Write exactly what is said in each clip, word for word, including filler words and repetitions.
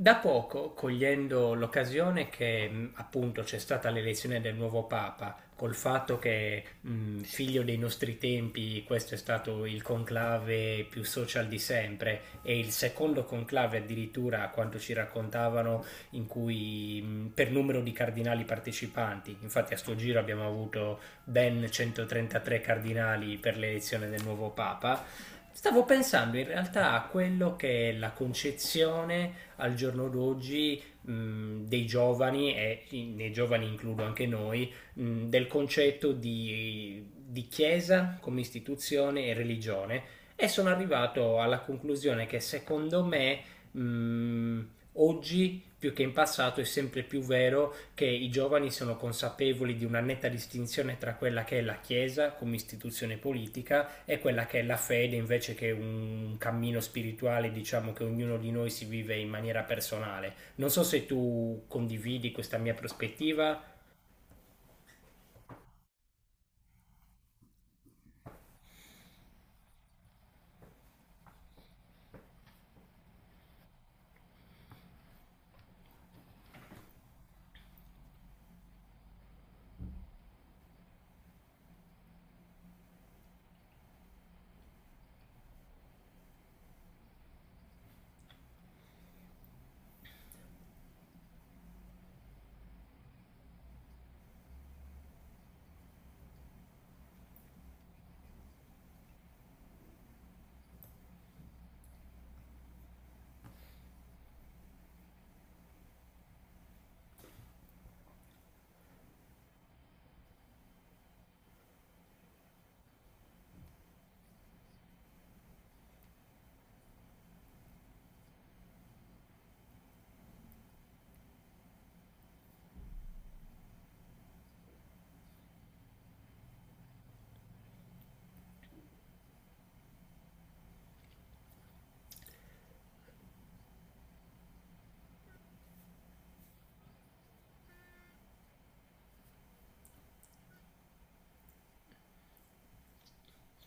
Da poco, cogliendo l'occasione che mh, appunto c'è stata l'elezione del nuovo Papa, col fatto che mh, figlio dei nostri tempi, questo è stato il conclave più social di sempre e il secondo conclave addirittura, a quanto ci raccontavano, in cui mh, per numero di cardinali partecipanti. Infatti a sto giro abbiamo avuto ben centotrentatré cardinali per l'elezione del nuovo Papa. Stavo pensando in realtà a quello che è la concezione al giorno d'oggi mh, dei giovani, e nei giovani includo anche noi, mh, del concetto di, di chiesa come istituzione e religione, e sono arrivato alla conclusione che secondo me mh, oggi più che in passato è sempre più vero che i giovani sono consapevoli di una netta distinzione tra quella che è la Chiesa come istituzione politica è quella che è la fede, invece, che un cammino spirituale, diciamo, che ognuno di noi si vive in maniera personale. Non so se tu condividi questa mia prospettiva.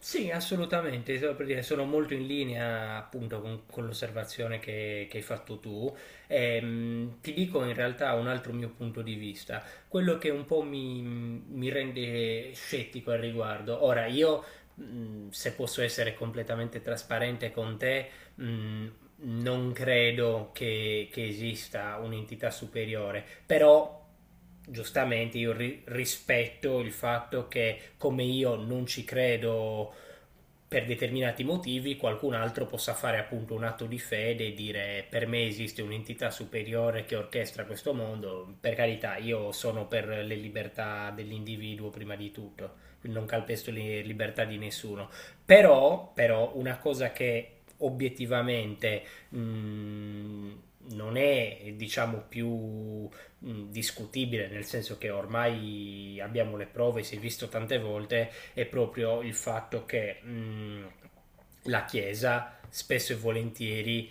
Sì, assolutamente, solo per dire, sono molto in linea appunto con, con l'osservazione che, che hai fatto tu. Ehm, ti dico in realtà un altro mio punto di vista, quello che un po' mi, mi rende scettico al riguardo. Ora, io mh, se posso essere completamente trasparente con te, mh, non credo che, che esista un'entità superiore, però giustamente io ri- rispetto il fatto che, come io non ci credo per determinati motivi, qualcun altro possa fare appunto un atto di fede e dire: per me esiste un'entità superiore che orchestra questo mondo. Per carità, io sono per le libertà dell'individuo prima di tutto, quindi non calpesto le libertà di nessuno, però, però una cosa che obiettivamente mh, non è, diciamo, più mh, discutibile, nel senso che ormai abbiamo le prove, si è visto tante volte, è proprio il fatto che mh, la Chiesa spesso e volentieri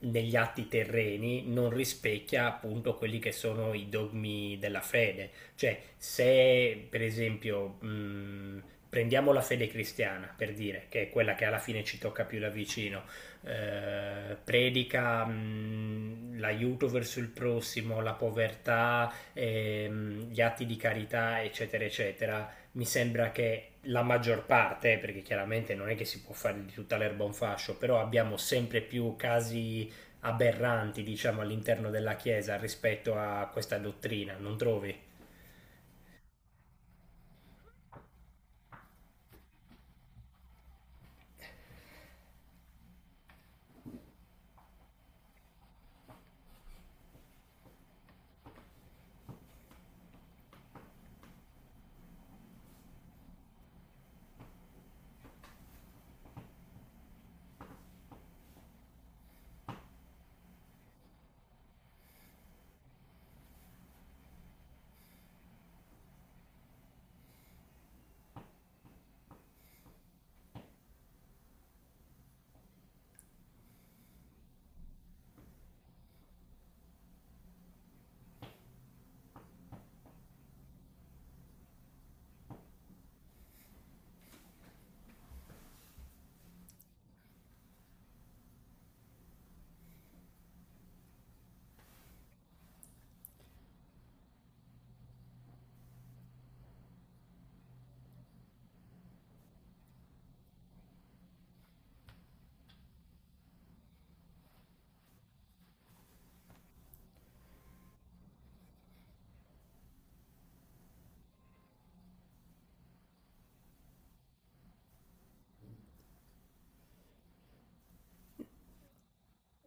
negli atti terreni non rispecchia appunto quelli che sono i dogmi della fede. Cioè, se per esempio mh, prendiamo la fede cristiana, per dire, che è quella che alla fine ci tocca più da vicino, eh, predica mh, l'aiuto verso il prossimo, la povertà, ehm, gli atti di carità, eccetera, eccetera, mi sembra che la maggior parte, perché chiaramente non è che si può fare di tutta l'erba un fascio, però abbiamo sempre più casi aberranti, diciamo, all'interno della Chiesa rispetto a questa dottrina, non trovi?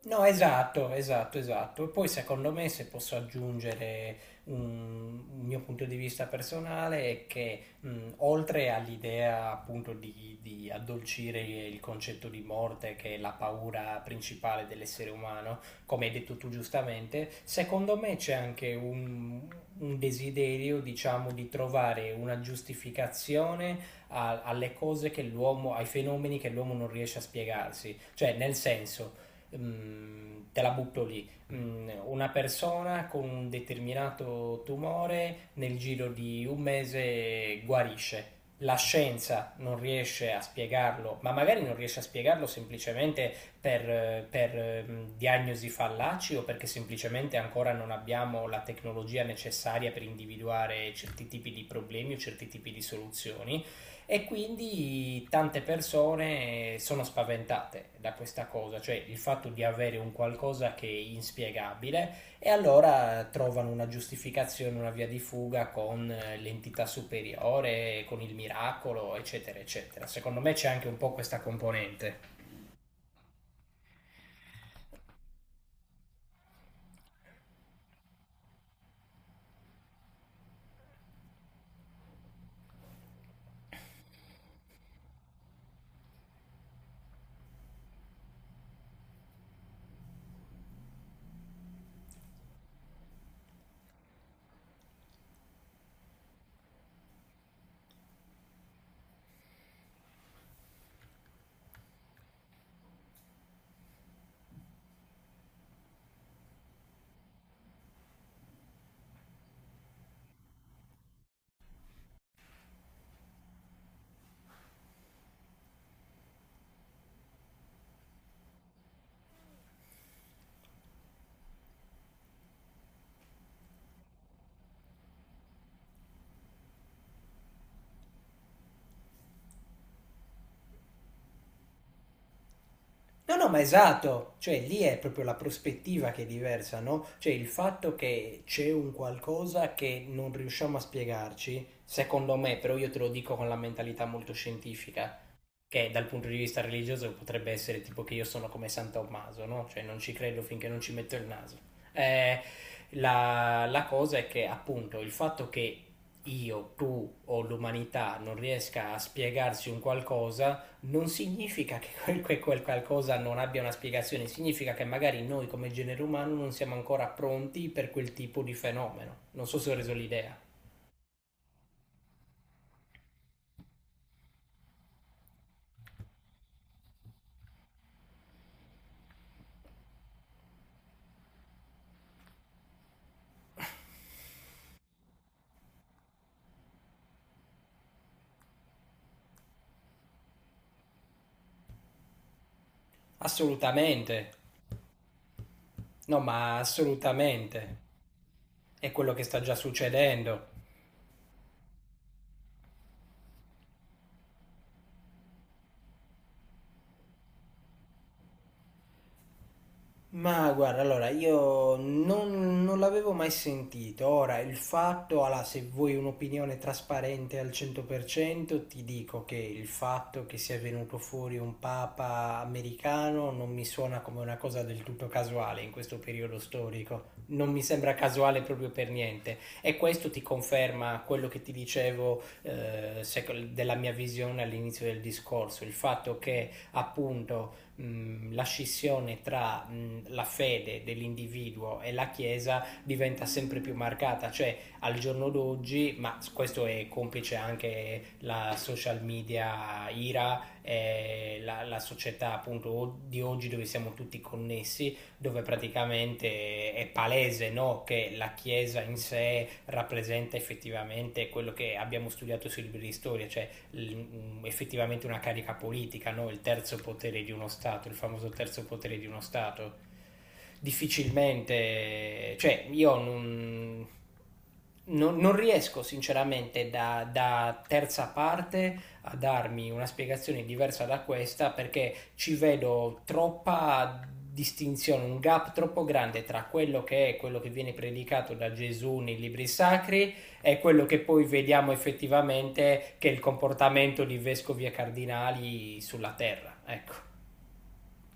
No, esatto, esatto, esatto. E poi secondo me, se posso aggiungere un, un mio punto di vista personale, è che mh, oltre all'idea appunto di, di addolcire il concetto di morte, che è la paura principale dell'essere umano, come hai detto tu giustamente, secondo me c'è anche un, un desiderio, diciamo, di trovare una giustificazione a- alle cose che l'uomo, ai fenomeni che l'uomo non riesce a spiegarsi. Cioè, nel senso, mm, te la butto lì, mm, una persona con un determinato tumore nel giro di un mese guarisce. La scienza non riesce a spiegarlo, ma magari non riesce a spiegarlo semplicemente per, eh, per, eh, mh, diagnosi fallaci, o perché semplicemente ancora non abbiamo la tecnologia necessaria per individuare certi tipi di problemi o certi tipi di soluzioni, e quindi tante persone sono spaventate da questa cosa, cioè il fatto di avere un qualcosa che è inspiegabile, e allora trovano una giustificazione, una via di fuga con l'entità superiore, con il miracolo, eccetera, eccetera. Secondo me c'è anche un po' questa componente. No, no, ma esatto, cioè lì è proprio la prospettiva che è diversa, no? Cioè il fatto che c'è un qualcosa che non riusciamo a spiegarci, secondo me, però io te lo dico con la mentalità molto scientifica, che dal punto di vista religioso potrebbe essere tipo che io sono come San Tommaso, no? Cioè non ci credo finché non ci metto il naso. Eh, la, la cosa è che appunto il fatto che io, tu o l'umanità non riesca a spiegarsi un qualcosa, non significa che quel, che quel qualcosa non abbia una spiegazione, significa che magari noi come genere umano non siamo ancora pronti per quel tipo di fenomeno. Non so se ho reso l'idea. Assolutamente. No, ma assolutamente. È quello che sta già succedendo. Ma guarda, allora io non, non l'avevo mai sentito. Ora, il fatto, allora, se vuoi un'opinione trasparente al cento per cento, ti dico che il fatto che sia venuto fuori un papa americano non mi suona come una cosa del tutto casuale in questo periodo storico. Non mi sembra casuale proprio per niente. E questo ti conferma quello che ti dicevo, eh, sec- della mia visione all'inizio del discorso, il fatto che appunto mh, la scissione tra mh, la fede dell'individuo e la Chiesa diventa sempre più marcata, cioè al giorno d'oggi, ma questo è complice anche la social media ira, eh, la, la società appunto di oggi, dove siamo tutti connessi, dove praticamente è palese, no, che la Chiesa in sé rappresenta effettivamente quello che abbiamo studiato sui libri di storia, cioè effettivamente una carica politica, no? Il terzo potere di uno Stato, il famoso terzo potere di uno Stato. Difficilmente, cioè io non, non, non riesco sinceramente da, da terza parte a darmi una spiegazione diversa da questa, perché ci vedo troppa distinzione, un gap troppo grande tra quello che è quello che viene predicato da Gesù nei libri sacri è quello che poi vediamo effettivamente che è il comportamento di vescovi e cardinali sulla terra. Ecco.